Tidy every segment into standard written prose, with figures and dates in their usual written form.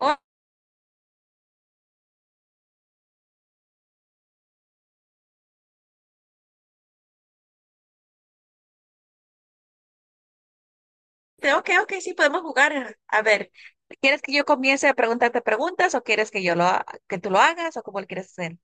Oh, ok, ok, sí, podemos jugar. A ver, ¿quieres que yo comience a preguntarte preguntas o quieres que tú lo hagas o cómo lo quieres hacer?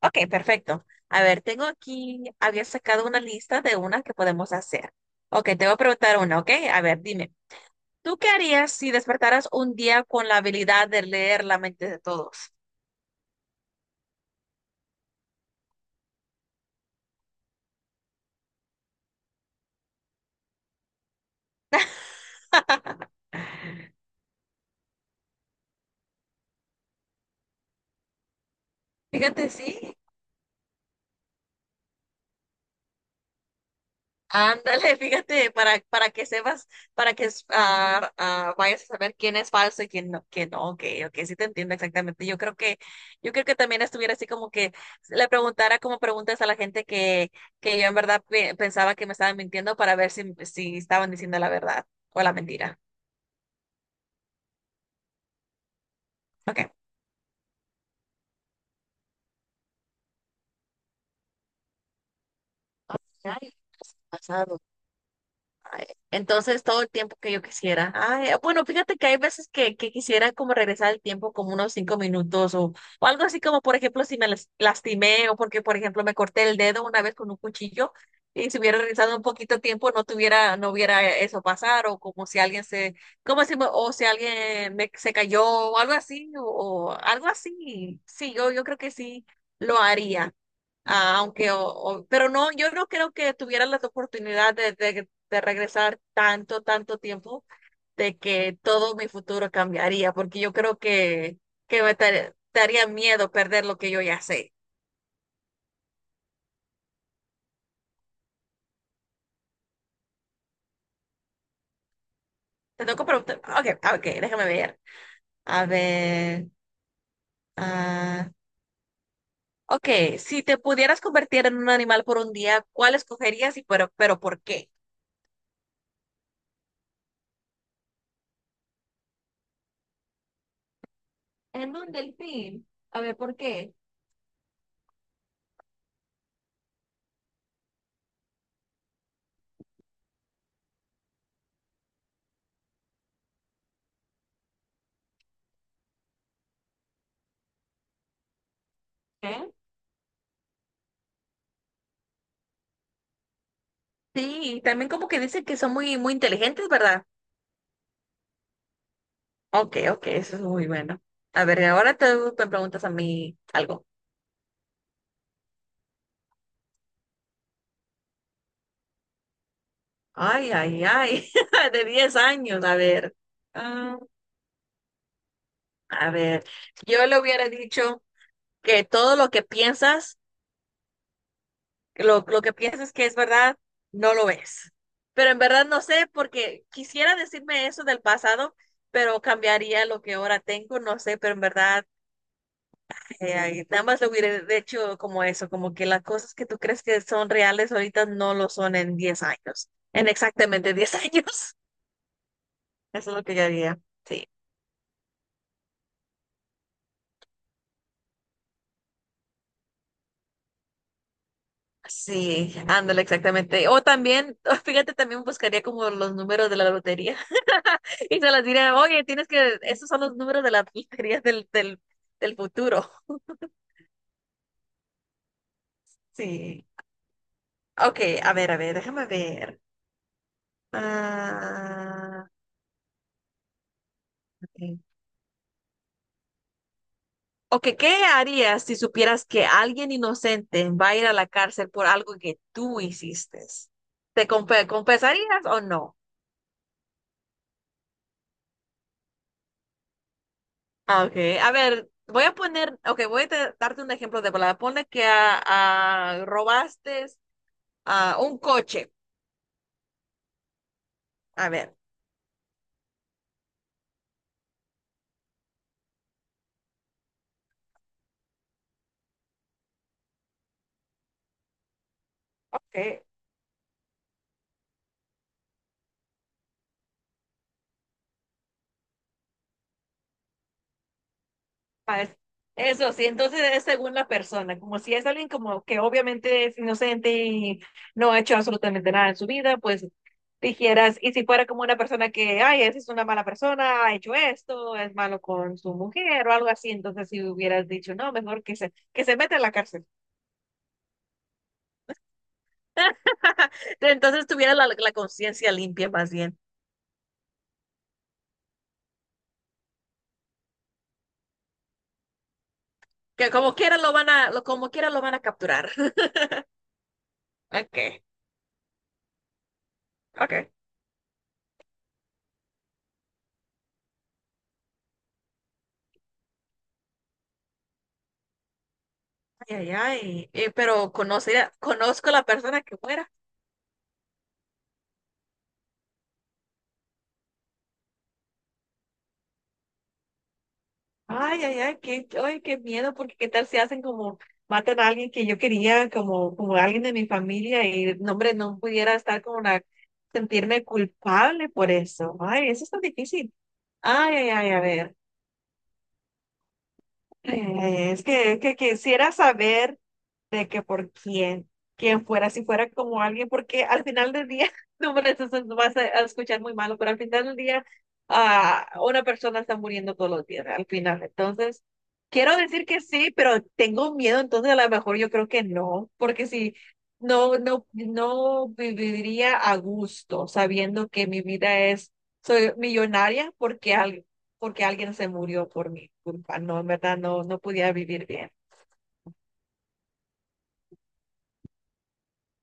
Ok, perfecto. A ver, tengo aquí, había sacado una lista de unas que podemos hacer. Ok, te voy a preguntar una, ok. A ver, dime, ¿tú qué harías si despertaras un día con la habilidad de leer la mente de todos? Fíjate, sí. Ándale, fíjate, para que sepas, para que vayas a saber quién es falso y quién no, ok, ok, sí te entiendo exactamente. Yo creo que también estuviera así como que le preguntara como preguntas a la gente que yo en verdad pensaba que me estaban mintiendo para ver si estaban diciendo la verdad o la mentira. Ok. Ay, pasado. Ay, entonces, todo el tiempo que yo quisiera. Ay, bueno, fíjate que hay veces que quisiera como regresar el tiempo como unos 5 minutos o algo así como, por ejemplo, si me lastimé o porque, por ejemplo, me corté el dedo una vez con un cuchillo, y si hubiera regresado un poquito tiempo no tuviera, no hubiera eso pasar o como si alguien se, como si, me- o si alguien me, se cayó o algo así o algo así. Sí, yo creo que sí lo haría. Ah, aunque, pero no, yo no creo que tuvieran la oportunidad de regresar tanto, tanto tiempo de que todo mi futuro cambiaría, porque yo creo que me daría miedo perder lo que yo ya sé. Te tengo que preguntar, ok, ok, déjame ver. A ver, ah, ok, si te pudieras convertir en un animal por un día, ¿cuál escogerías y pero por qué? En un delfín. A ver, ¿por qué? ¿Eh? Sí, también como que dicen que son muy, muy inteligentes, ¿verdad? Ok, ok, eso es muy bueno. A ver, ahora te me preguntas a mí algo. Ay, ay, ay, de 10 años, a ver. Ah, a ver, yo le hubiera dicho que todo lo que piensas, lo que piensas que es verdad, no lo es. Pero en verdad no sé, porque quisiera decirme eso del pasado, pero cambiaría lo que ahora tengo, no sé, pero en verdad. Ahí nada más lo hubiera hecho como eso, como que las cosas que tú crees que son reales ahorita no lo son en 10 años, en exactamente 10 años. Eso es lo que yo haría. Sí, sí, ándale, exactamente. O también, fíjate, también buscaría como los números de la lotería. Y se las diría, oye, tienes que, esos son los números de la lotería del futuro. Sí. Ok, a ver, déjame ver. Ah, ok. Ok, ¿qué harías si supieras que alguien inocente va a ir a la cárcel por algo que tú hiciste? ¿Te compensarías o no? Ok, a ver, voy a poner, ok, voy a darte un ejemplo de palabra. Pone que robaste un coche. A ver, ok. Pues, eso sí, entonces es según la persona, como si es alguien como que obviamente es inocente y no ha hecho absolutamente nada en su vida, pues dijeras, y si fuera como una persona que, ay, esa es una mala persona, ha hecho esto, es malo con su mujer o algo así, entonces si hubieras dicho, no, mejor que se, meta en la cárcel. Entonces tuviera la conciencia limpia más bien, que como quiera lo van a capturar. Okay, okay. Ay, ay, ay, pero conozco la persona que fuera. Ay, ay, ay, qué miedo, porque qué tal si hacen como matan a alguien que yo quería, como alguien de mi familia, y no, hombre, no pudiera estar como una, sentirme culpable por eso. Ay, eso está difícil. Ay, ay, ay, a ver. Es que quisiera saber de que por quién fuera, si fuera como alguien, porque al final del día, no, hombre, eso se vas a a escuchar muy malo, pero al final del día, una persona está muriendo todos los días, al final. Entonces, quiero decir que sí, pero tengo miedo, entonces a lo mejor yo creo que no, porque si no, no viviría a gusto sabiendo que mi vida es, soy millonaria, porque porque alguien se murió por mi culpa. No, en verdad no podía vivir bien.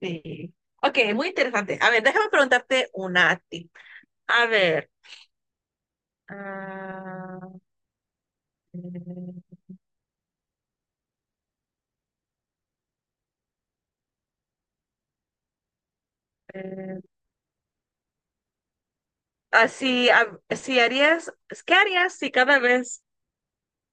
Sí. Ok, muy interesante. A ver, déjame preguntarte una a ti. A ver, ah, eh, eh, si, si harías, ¿qué harías si cada vez?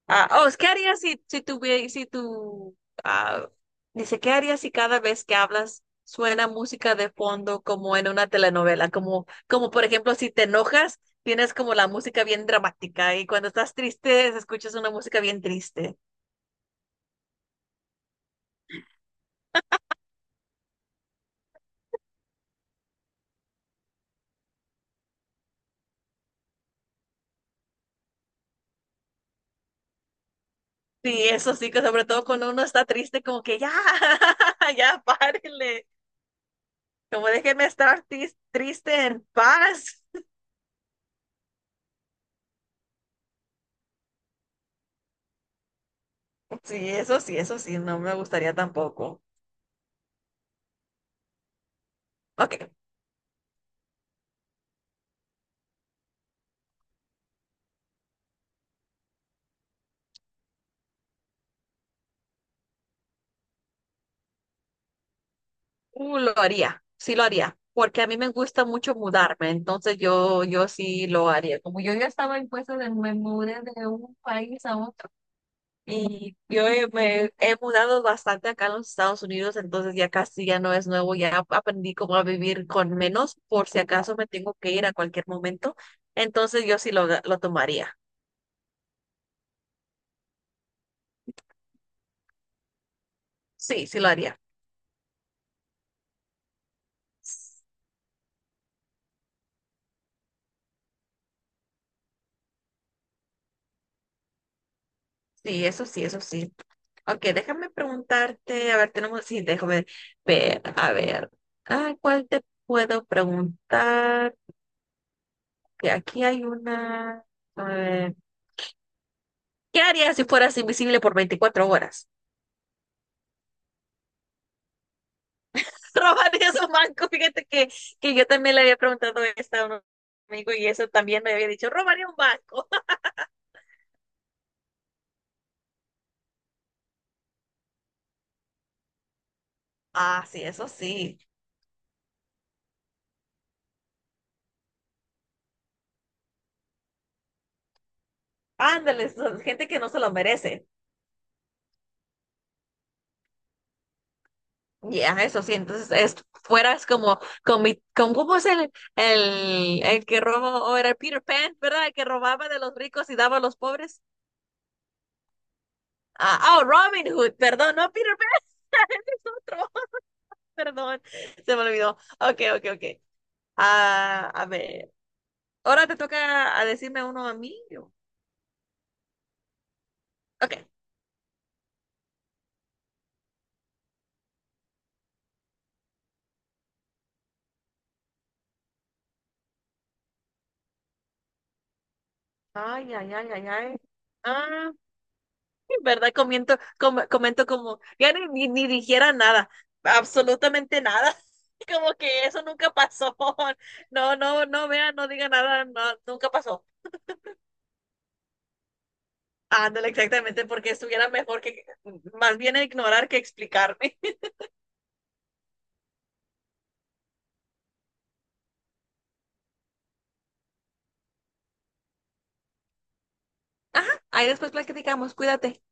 Oh, ¿Qué harías si tuviera, si tu, ah, dice, ¿qué harías si cada vez que hablas suena música de fondo como en una telenovela? Como, como por ejemplo, si te enojas, tienes como la música bien dramática y cuando estás triste, escuchas una música bien triste. Sí, eso sí, que sobre todo cuando uno está triste, como que ya, ya, párenle, como déjenme estar triste en paz. Sí, eso sí, eso sí, no me gustaría tampoco. Ok. Lo haría, sí lo haría, porque a mí me gusta mucho mudarme, entonces yo sí lo haría. Como yo ya estaba en puestos de me mudé de un país a otro y yo me he mudado bastante acá en los Estados Unidos, entonces ya casi ya no es nuevo, ya aprendí cómo a vivir con menos por si acaso me tengo que ir a cualquier momento, entonces yo sí lo tomaría, sí, sí lo haría. Sí, eso sí, eso sí. Ok, déjame preguntarte, a ver, tenemos, sí, déjame ver, a ver, ¿cuál te puedo preguntar? Que aquí hay una, a ver, ¿qué harías si fueras invisible por 24 horas? ¿Robarías un banco? Fíjate que, yo también le había preguntado esto a un amigo y eso también me había dicho, robaría un banco. Sí, eso sí. Ándale, son gente que no se lo merece. Ya, eso sí, entonces es, fueras como, ¿cómo es el que robó, o era Peter Pan, ¿verdad? El que robaba de los ricos y daba a los pobres. Oh, Robin Hood, perdón, no Peter Pan, es otro, perdón, se me olvidó. Ok, ok, ok. A ver, ahora te toca a decirme uno a mí. Yo. Ok. Ay, ay, ay, ay, ay. ¿Verdad? Comento como, ya ni dijera nada, absolutamente nada. Como que eso nunca pasó. No, no, no vea, no diga nada, no, nunca pasó. Ándale, exactamente, porque estuviera mejor que, más bien ignorar que explicarme. Ajá, ahí después platicamos, cuídate.